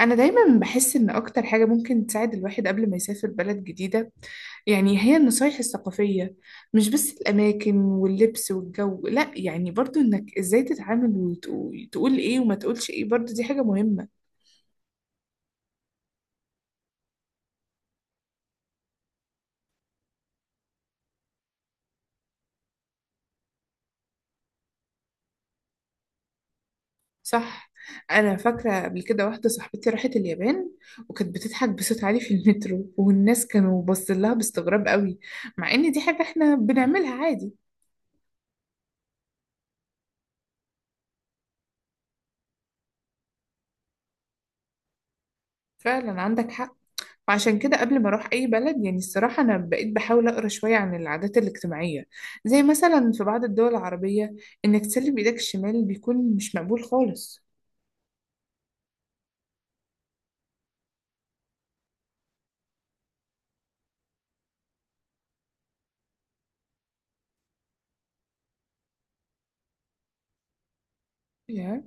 أنا دايما بحس إن أكتر حاجة ممكن تساعد الواحد قبل ما يسافر بلد جديدة. يعني هي النصايح الثقافية، مش بس الأماكن واللبس والجو. لأ، يعني برضو إنك إزاي تتعامل وتقول إيه وما تقولش إيه، برضو دي حاجة مهمة. صح. أنا فاكرة قبل كده واحدة صاحبتي راحت اليابان وكانت بتضحك بصوت عالي في المترو، والناس كانوا باصين لها باستغراب قوي، مع إن دي حاجة إحنا بنعملها عادي. فعلا عندك حق. فعشان كده قبل ما اروح اي بلد، يعني الصراحه انا بقيت بحاول اقرا شويه عن العادات الاجتماعيه. زي مثلا في بعض الدول العربيه، انك تسلم بايدك الشمال بيكون مش مقبول خالص. يا.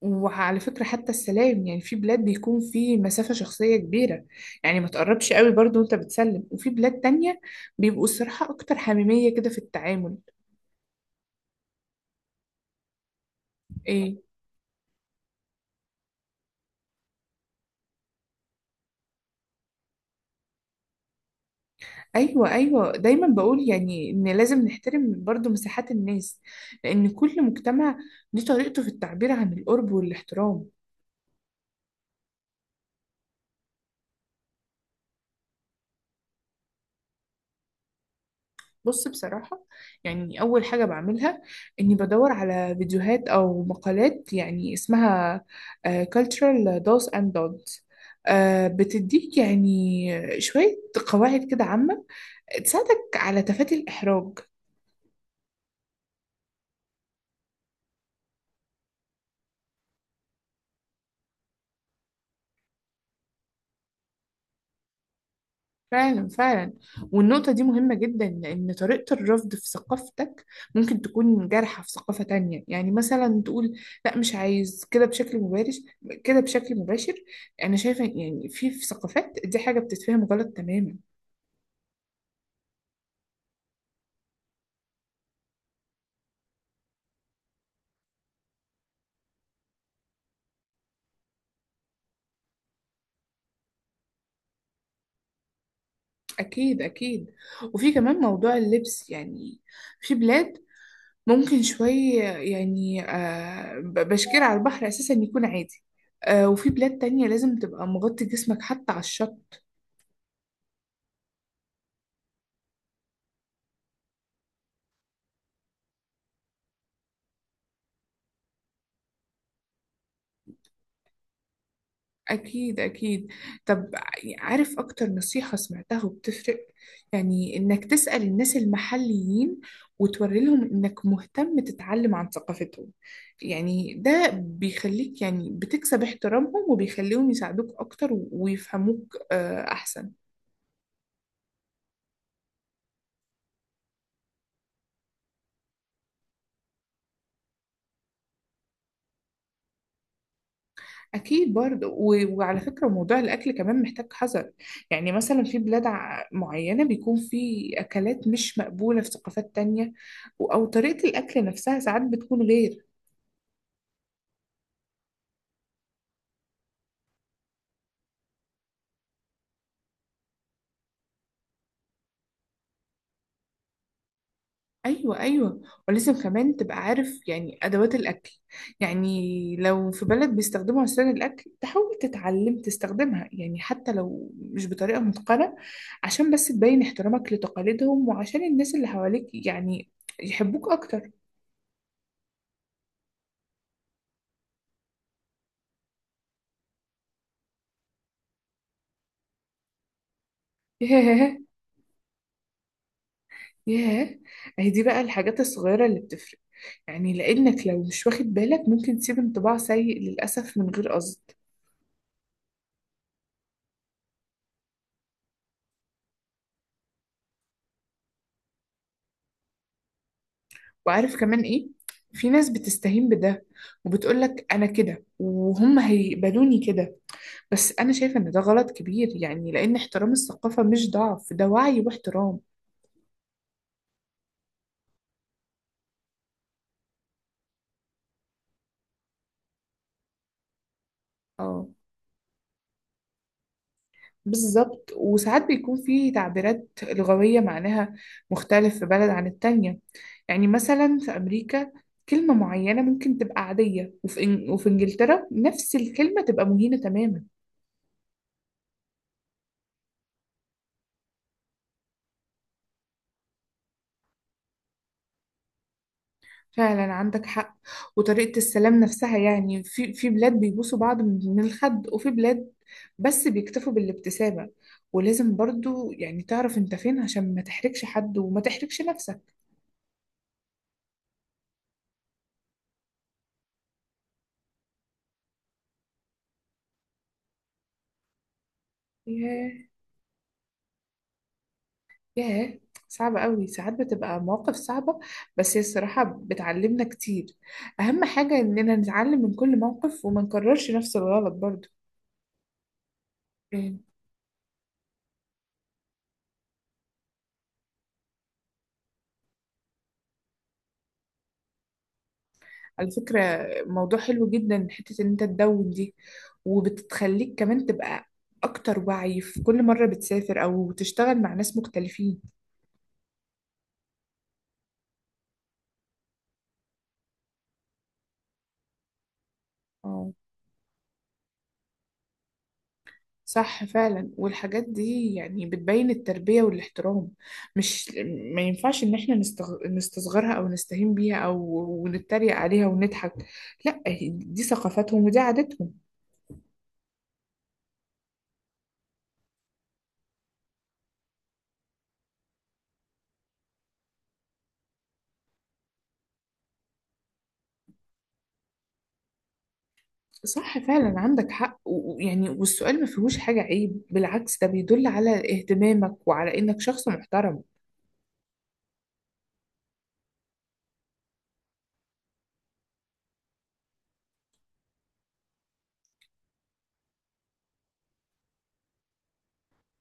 وعلى فكره، حتى السلام يعني في بلاد بيكون في مسافه شخصيه كبيره، يعني ما تقربش قوي برضو وانت بتسلم. وفي بلاد تانية بيبقوا الصراحه اكتر حميميه كده في التعامل. ايه. ايوه ايوه، دايما بقول يعني ان لازم نحترم برضو مساحات الناس، لان كل مجتمع ليه طريقته في التعبير عن القرب والاحترام. بص بصراحة، يعني أول حاجة بعملها إني بدور على فيديوهات أو مقالات يعني اسمها cultural do's and don'ts. بتديك يعني شوية قواعد كده عامة تساعدك على تفادي الإحراج. فعلا فعلا، والنقطة دي مهمة جدا، لأن طريقة الرفض في ثقافتك ممكن تكون جارحة في ثقافة تانية. يعني مثلا تقول لا مش عايز كده بشكل مباشر كده بشكل مباشر، أنا شايفة يعني في ثقافات دي حاجة بتتفهم غلط تماما. أكيد أكيد. وفي كمان موضوع اللبس، يعني في بلاد ممكن شوية يعني بشكير على البحر أساسا يكون عادي، وفي بلاد تانية لازم تبقى مغطي جسمك حتى على الشط. أكيد أكيد. طب عارف أكتر نصيحة سمعتها وبتفرق؟ يعني إنك تسأل الناس المحليين وتوري لهم إنك مهتم تتعلم عن ثقافتهم. يعني ده بيخليك يعني بتكسب احترامهم وبيخليهم يساعدوك أكتر ويفهموك أحسن. أكيد برضه. وعلى فكرة موضوع الأكل كمان محتاج حذر. يعني مثلا في بلاد معينة بيكون في أكلات مش مقبولة في ثقافات تانية، أو طريقة الأكل نفسها ساعات بتكون غير. ايوه ايوه. ولازم كمان تبقى عارف يعني ادوات الاكل، يعني لو في بلد بيستخدموا عصيان الاكل تحاول تتعلم تستخدمها، يعني حتى لو مش بطريقه متقنه، عشان بس تبين احترامك لتقاليدهم، وعشان الناس اللي حواليك يعني يحبوك اكتر. ياه. ياه، اهي دي بقى الحاجات الصغيره اللي بتفرق، يعني لانك لو مش واخد بالك ممكن تسيب انطباع سيء للاسف من غير قصد. وعارف كمان ايه؟ في ناس بتستهين بده وبتقولك انا كده وهم هيقبلوني كده، بس انا شايفة ان ده غلط كبير، يعني لان احترام الثقافة مش ضعف، ده وعي واحترام. اه. بالظبط، وساعات بيكون في تعبيرات لغوية معناها مختلف في بلد عن التانية. يعني مثلا في امريكا كلمة معينة ممكن تبقى عادية، وفي انجلترا نفس الكلمة تبقى مهينة تماما. فعلا عندك حق. وطريقة السلام نفسها يعني، في بلاد بيبوسوا بعض من الخد، وفي بلاد بس بيكتفوا بالابتسامة، ولازم برضو يعني تعرف انت فين عشان ما تحرجش حد وما تحرجش نفسك. ياه. ياه، صعبة قوي، ساعات بتبقى مواقف صعبة، بس هي الصراحة بتعلمنا كتير. أهم حاجة إننا نتعلم من كل موقف وما نكررش نفس الغلط برضو. على فكرة موضوع حلو جدا حتة ان انت تدون دي، وبتخليك كمان تبقى اكتر وعي في كل مرة بتسافر او تشتغل مع ناس مختلفين. اه. صح فعلا، والحاجات دي يعني بتبين التربية والاحترام. مش، ما ينفعش ان احنا نستغ... نستصغرها او نستهين بيها او ونتريق عليها ونضحك. لا، دي ثقافتهم ودي عاداتهم. صح فعلا عندك حق. ويعني والسؤال ما فيهوش حاجة عيب، بالعكس ده بيدل على اهتمامك وعلى إنك شخص محترم.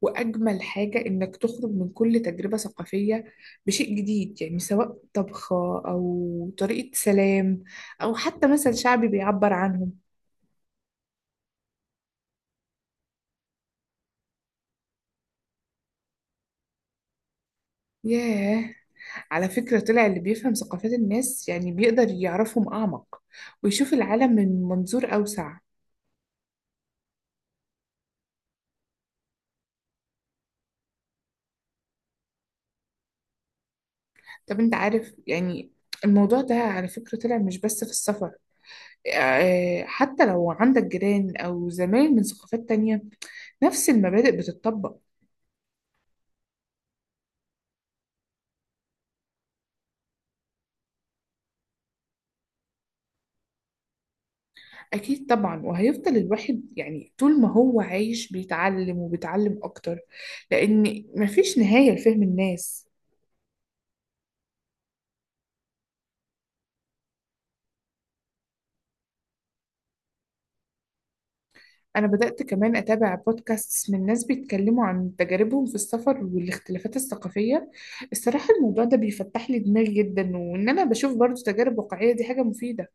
وأجمل حاجة إنك تخرج من كل تجربة ثقافية بشيء جديد، يعني سواء طبخة أو طريقة سلام أو حتى مثل شعبي بيعبر عنهم. ياه. على فكرة طلع اللي بيفهم ثقافات الناس يعني بيقدر يعرفهم أعمق ويشوف العالم من منظور أوسع. طب أنت عارف يعني الموضوع ده على فكرة طلع مش بس في السفر؟ حتى لو عندك جيران أو زمايل من ثقافات تانية نفس المبادئ بتطبق. أكيد طبعا، وهيفضل الواحد يعني طول ما هو عايش بيتعلم وبيتعلم أكتر، لأن مفيش نهاية لفهم الناس. أنا بدأت كمان أتابع بودكاست من ناس بيتكلموا عن تجاربهم في السفر والاختلافات الثقافية. الصراحة الموضوع ده بيفتح لي دماغي جدا، وإن أنا بشوف برضو تجارب واقعية دي حاجة مفيدة.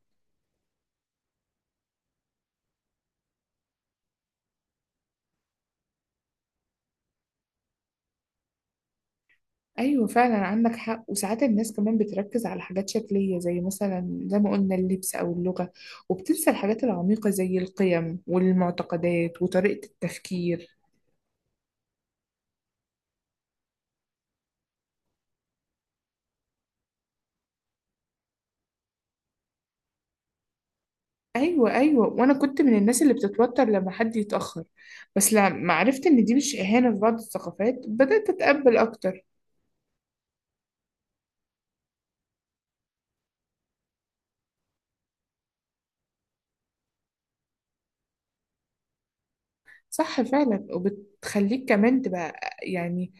ايوه فعلا عندك حق. وساعات الناس كمان بتركز على حاجات شكليه زي مثلا زي ما قلنا اللبس او اللغه، وبتنسى الحاجات العميقه زي القيم والمعتقدات وطريقه التفكير. ايوه ايوه، وانا كنت من الناس اللي بتتوتر لما حد يتاخر، بس لما عرفت ان دي مش اهانه في بعض الثقافات بدات اتقبل اكتر. صح فعلا، وبتخليك كمان تبقى يعني،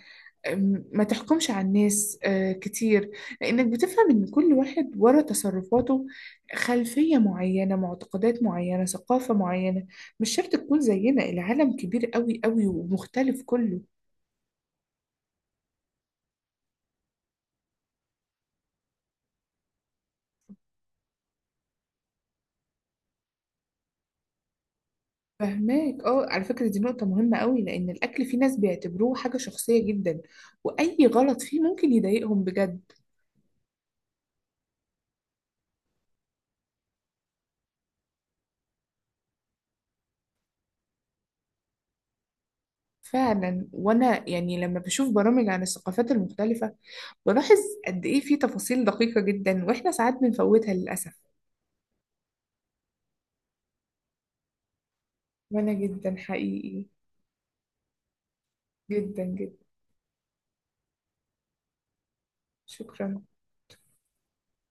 ما تحكمش على الناس كتير، لأنك بتفهم إن كل واحد ورا تصرفاته خلفية معينة، معتقدات معينة، ثقافة معينة، مش شرط تكون زينا. العالم كبير قوي قوي ومختلف كله. فهماك. اه، على فكرة دي نقطة مهمة قوي، لأن الأكل في ناس بيعتبروه حاجة شخصية جدا، وأي غلط فيه ممكن يضايقهم بجد. فعلا، وانا يعني لما بشوف برامج عن الثقافات المختلفة بلاحظ قد ايه في تفاصيل دقيقة جدا واحنا ساعات بنفوتها للأسف. وانا جدا حقيقي. جدا جدا. شكرا.